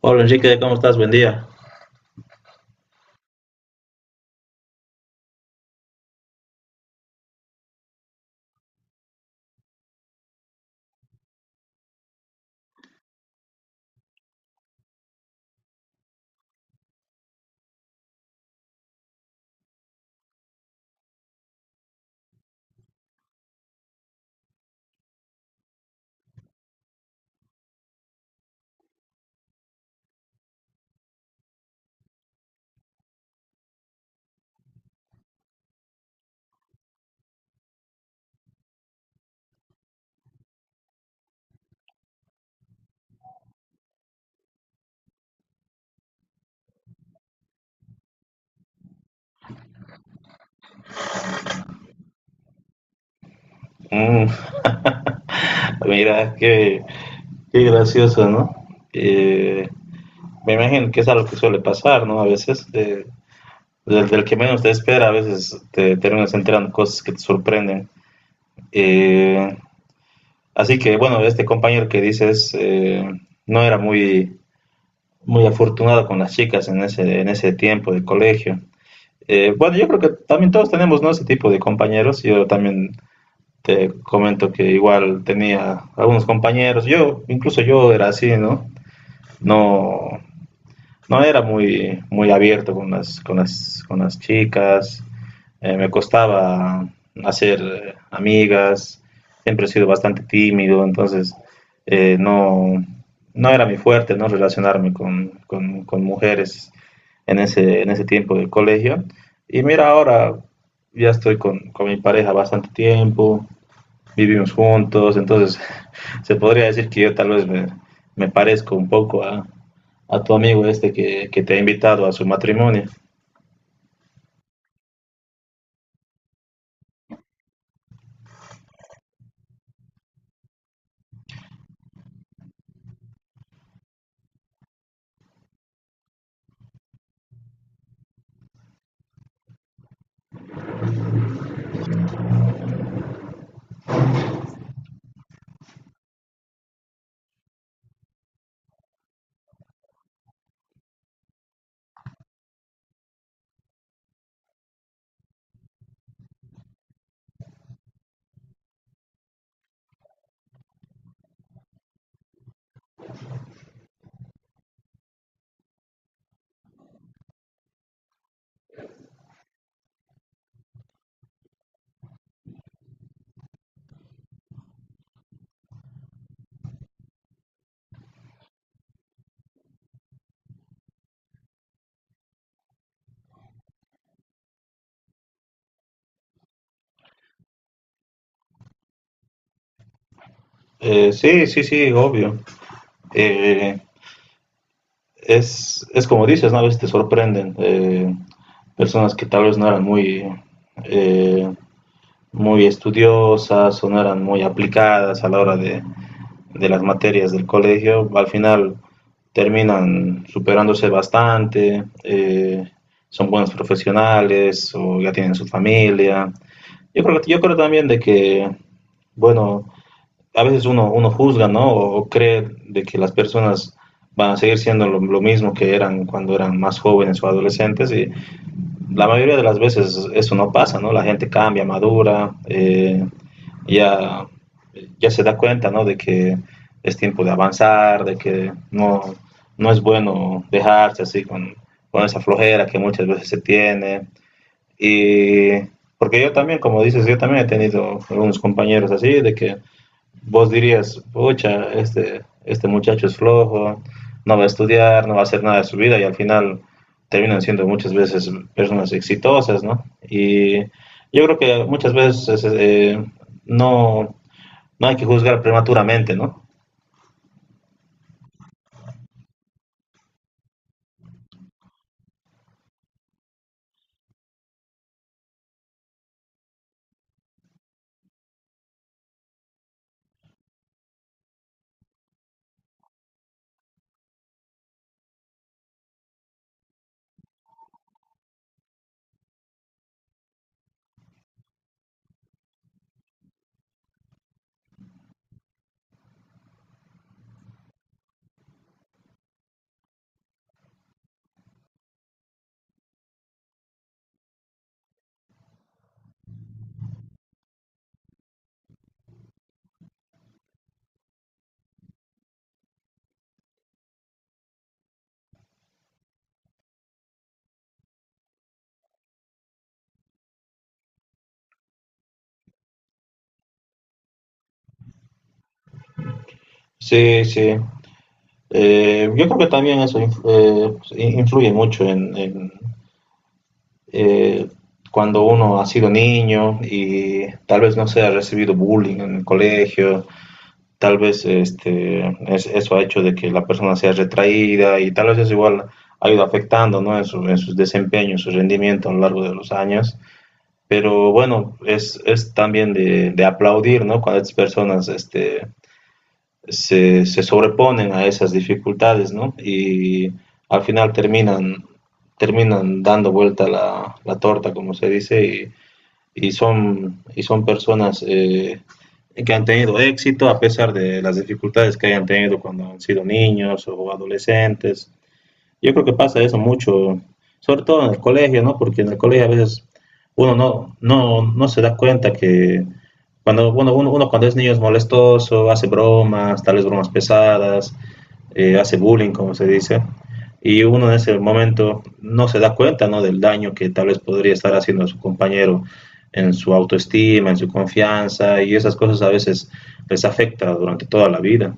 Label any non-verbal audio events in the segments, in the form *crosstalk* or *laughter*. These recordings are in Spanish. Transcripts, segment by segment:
Hola Enrique, ¿cómo estás? Buen día. Mm, *laughs* Mira, qué, qué gracioso, ¿no? Eh, Me imagino que es algo que suele pasar, ¿no? A veces, del que menos te espera, a veces te terminas enterando cosas que te sorprenden. Eh, Así que, bueno, este compañero que dices no era muy, muy afortunado con las chicas en ese tiempo de colegio. Bueno, yo creo que también todos tenemos, ¿no? Ese tipo de compañeros. Yo también te comento que igual tenía algunos compañeros, yo, incluso yo era así, ¿no? No, no era muy, muy abierto con las chicas, me costaba hacer amigas, siempre he sido bastante tímido, entonces no, no era mi fuerte, ¿no? Relacionarme con mujeres en ese tiempo del colegio. Y mira, ahora ya estoy con mi pareja bastante tiempo, vivimos juntos, entonces *laughs* se podría decir que yo tal vez me, me parezco un poco a tu amigo este que te ha invitado a su matrimonio. Sí, sí, sí, obvio. Eh, es, como dices, ¿no? A veces te sorprenden personas que tal vez no eran muy, eh, muy estudiosas o no eran muy aplicadas a la hora de las materias del colegio, al final terminan superándose bastante, son buenos profesionales o ya tienen su familia. Yo creo también de que, bueno, a veces uno, uno juzga, ¿no? O cree de que las personas van a seguir siendo lo mismo que eran cuando eran más jóvenes o adolescentes y la mayoría de las veces eso no pasa, ¿no? La gente cambia, madura, ya, ya se da cuenta, ¿no? De que es tiempo de avanzar, de que no, no es bueno dejarse así con esa flojera que muchas veces se tiene. Y porque yo también, como dices, yo también he tenido algunos compañeros así, de que vos dirías, pucha, este muchacho es flojo, no va a estudiar, no va a hacer nada de su vida y al final terminan siendo muchas veces personas exitosas, ¿no? Y yo creo que muchas veces no, no hay que juzgar prematuramente, ¿no? Sí, sí. Yo creo que también eso influye mucho en, eh, cuando uno ha sido niño y tal vez no se ha recibido bullying en el colegio, tal vez este, es, eso ha hecho de que la persona sea retraída y tal vez eso igual ha ido afectando, ¿no? En, su, en sus desempeños, su rendimiento a lo largo de los años. Pero bueno, es también de aplaudir, ¿no? Cuando estas personas este, se, sobreponen a esas dificultades, ¿no? Y al final terminan, terminan dando vuelta la torta, como se dice, y son personas que han tenido éxito a pesar de las dificultades que hayan tenido cuando han sido niños o adolescentes. Yo creo que pasa eso mucho, sobre todo en el colegio, ¿no? Porque en el colegio a veces uno no, no, no se da cuenta que cuando bueno, uno, uno cuando es niño es molestoso, hace bromas, tal vez bromas pesadas, hace bullying, como se dice, y uno en ese momento no se da cuenta, ¿no? Del daño que tal vez podría estar haciendo a su compañero en su autoestima, en su confianza, y esas cosas a veces les afecta durante toda la vida.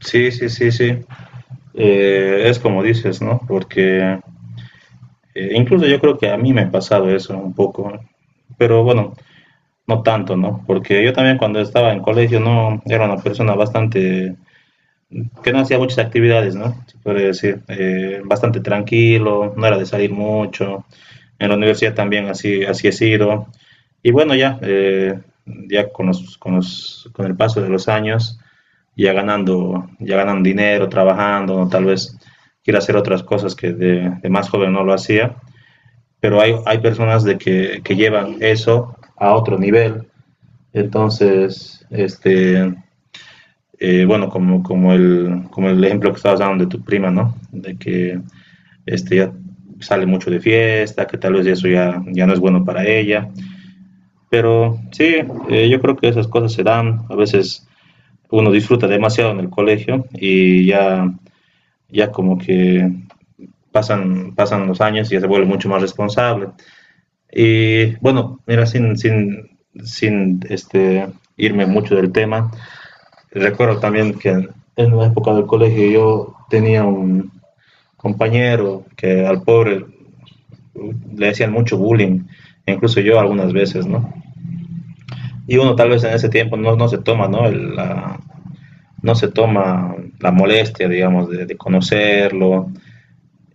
Sí, sí, sí, sí. Es como dices, ¿no? Porque incluso yo creo que a mí me ha pasado eso un poco, pero bueno, no tanto, ¿no? Porque yo también cuando estaba en colegio no era una persona bastante que no hacía muchas actividades, ¿no? Se puede decir, bastante tranquilo, no era de salir mucho. En la universidad también así así he sido. Y bueno, ya ya con el paso de los años ya ganando, ya ganan dinero, trabajando, ¿no? Tal vez quiere hacer otras cosas que de más joven no lo hacía, pero hay personas de que llevan eso a otro nivel. Entonces, este, bueno, como el ejemplo que estabas dando de tu prima, ¿no? De que este, ya sale mucho de fiesta, que tal vez eso ya, ya no es bueno para ella. Pero sí, yo creo que esas cosas se dan. A veces uno disfruta demasiado en el colegio y ya ya como que pasan, pasan los años y ya se vuelve mucho más responsable. Y bueno, mira, sin, sin, sin este, irme mucho del tema, recuerdo también que en la época del colegio yo tenía un compañero que al pobre le hacían mucho bullying, incluso yo algunas veces, ¿no? Y uno tal vez en ese tiempo no, no se toma, ¿no? El, la, no se toma la molestia, digamos, de conocerlo.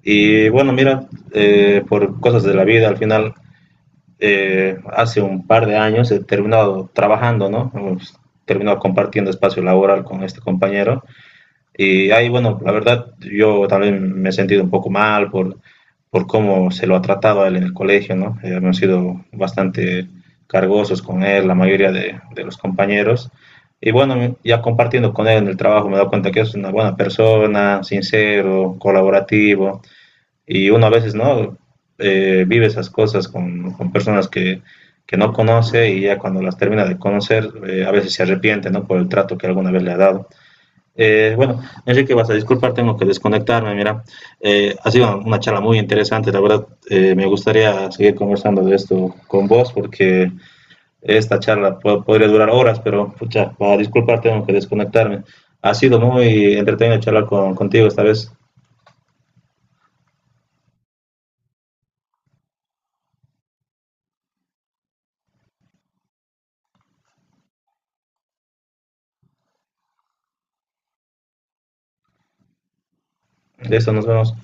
Y bueno, mira, por cosas de la vida, al final, hace un par de años he terminado trabajando, ¿no? Hemos terminado compartiendo espacio laboral con este compañero. Y ahí, bueno, la verdad, yo también me he sentido un poco mal por cómo se lo ha tratado a él en el colegio, ¿no? Hemos sido bastante cargosos con él, la mayoría de los compañeros. Y bueno, ya compartiendo con él en el trabajo me he dado cuenta que es una buena persona, sincero, colaborativo y uno a veces no vive esas cosas con personas que no conoce y ya cuando las termina de conocer, a veces se arrepiente, ¿no? Por el trato que alguna vez le ha dado. Bueno, Enrique, vas a disculpar, tengo que desconectarme. Mira, ha sido una charla muy interesante. La verdad, me gustaría seguir conversando de esto con vos porque esta charla po podría durar horas, pero pucha, para disculpar, tengo que desconectarme. Ha sido muy entretenido charlar con, contigo esta vez. De esto nos vemos.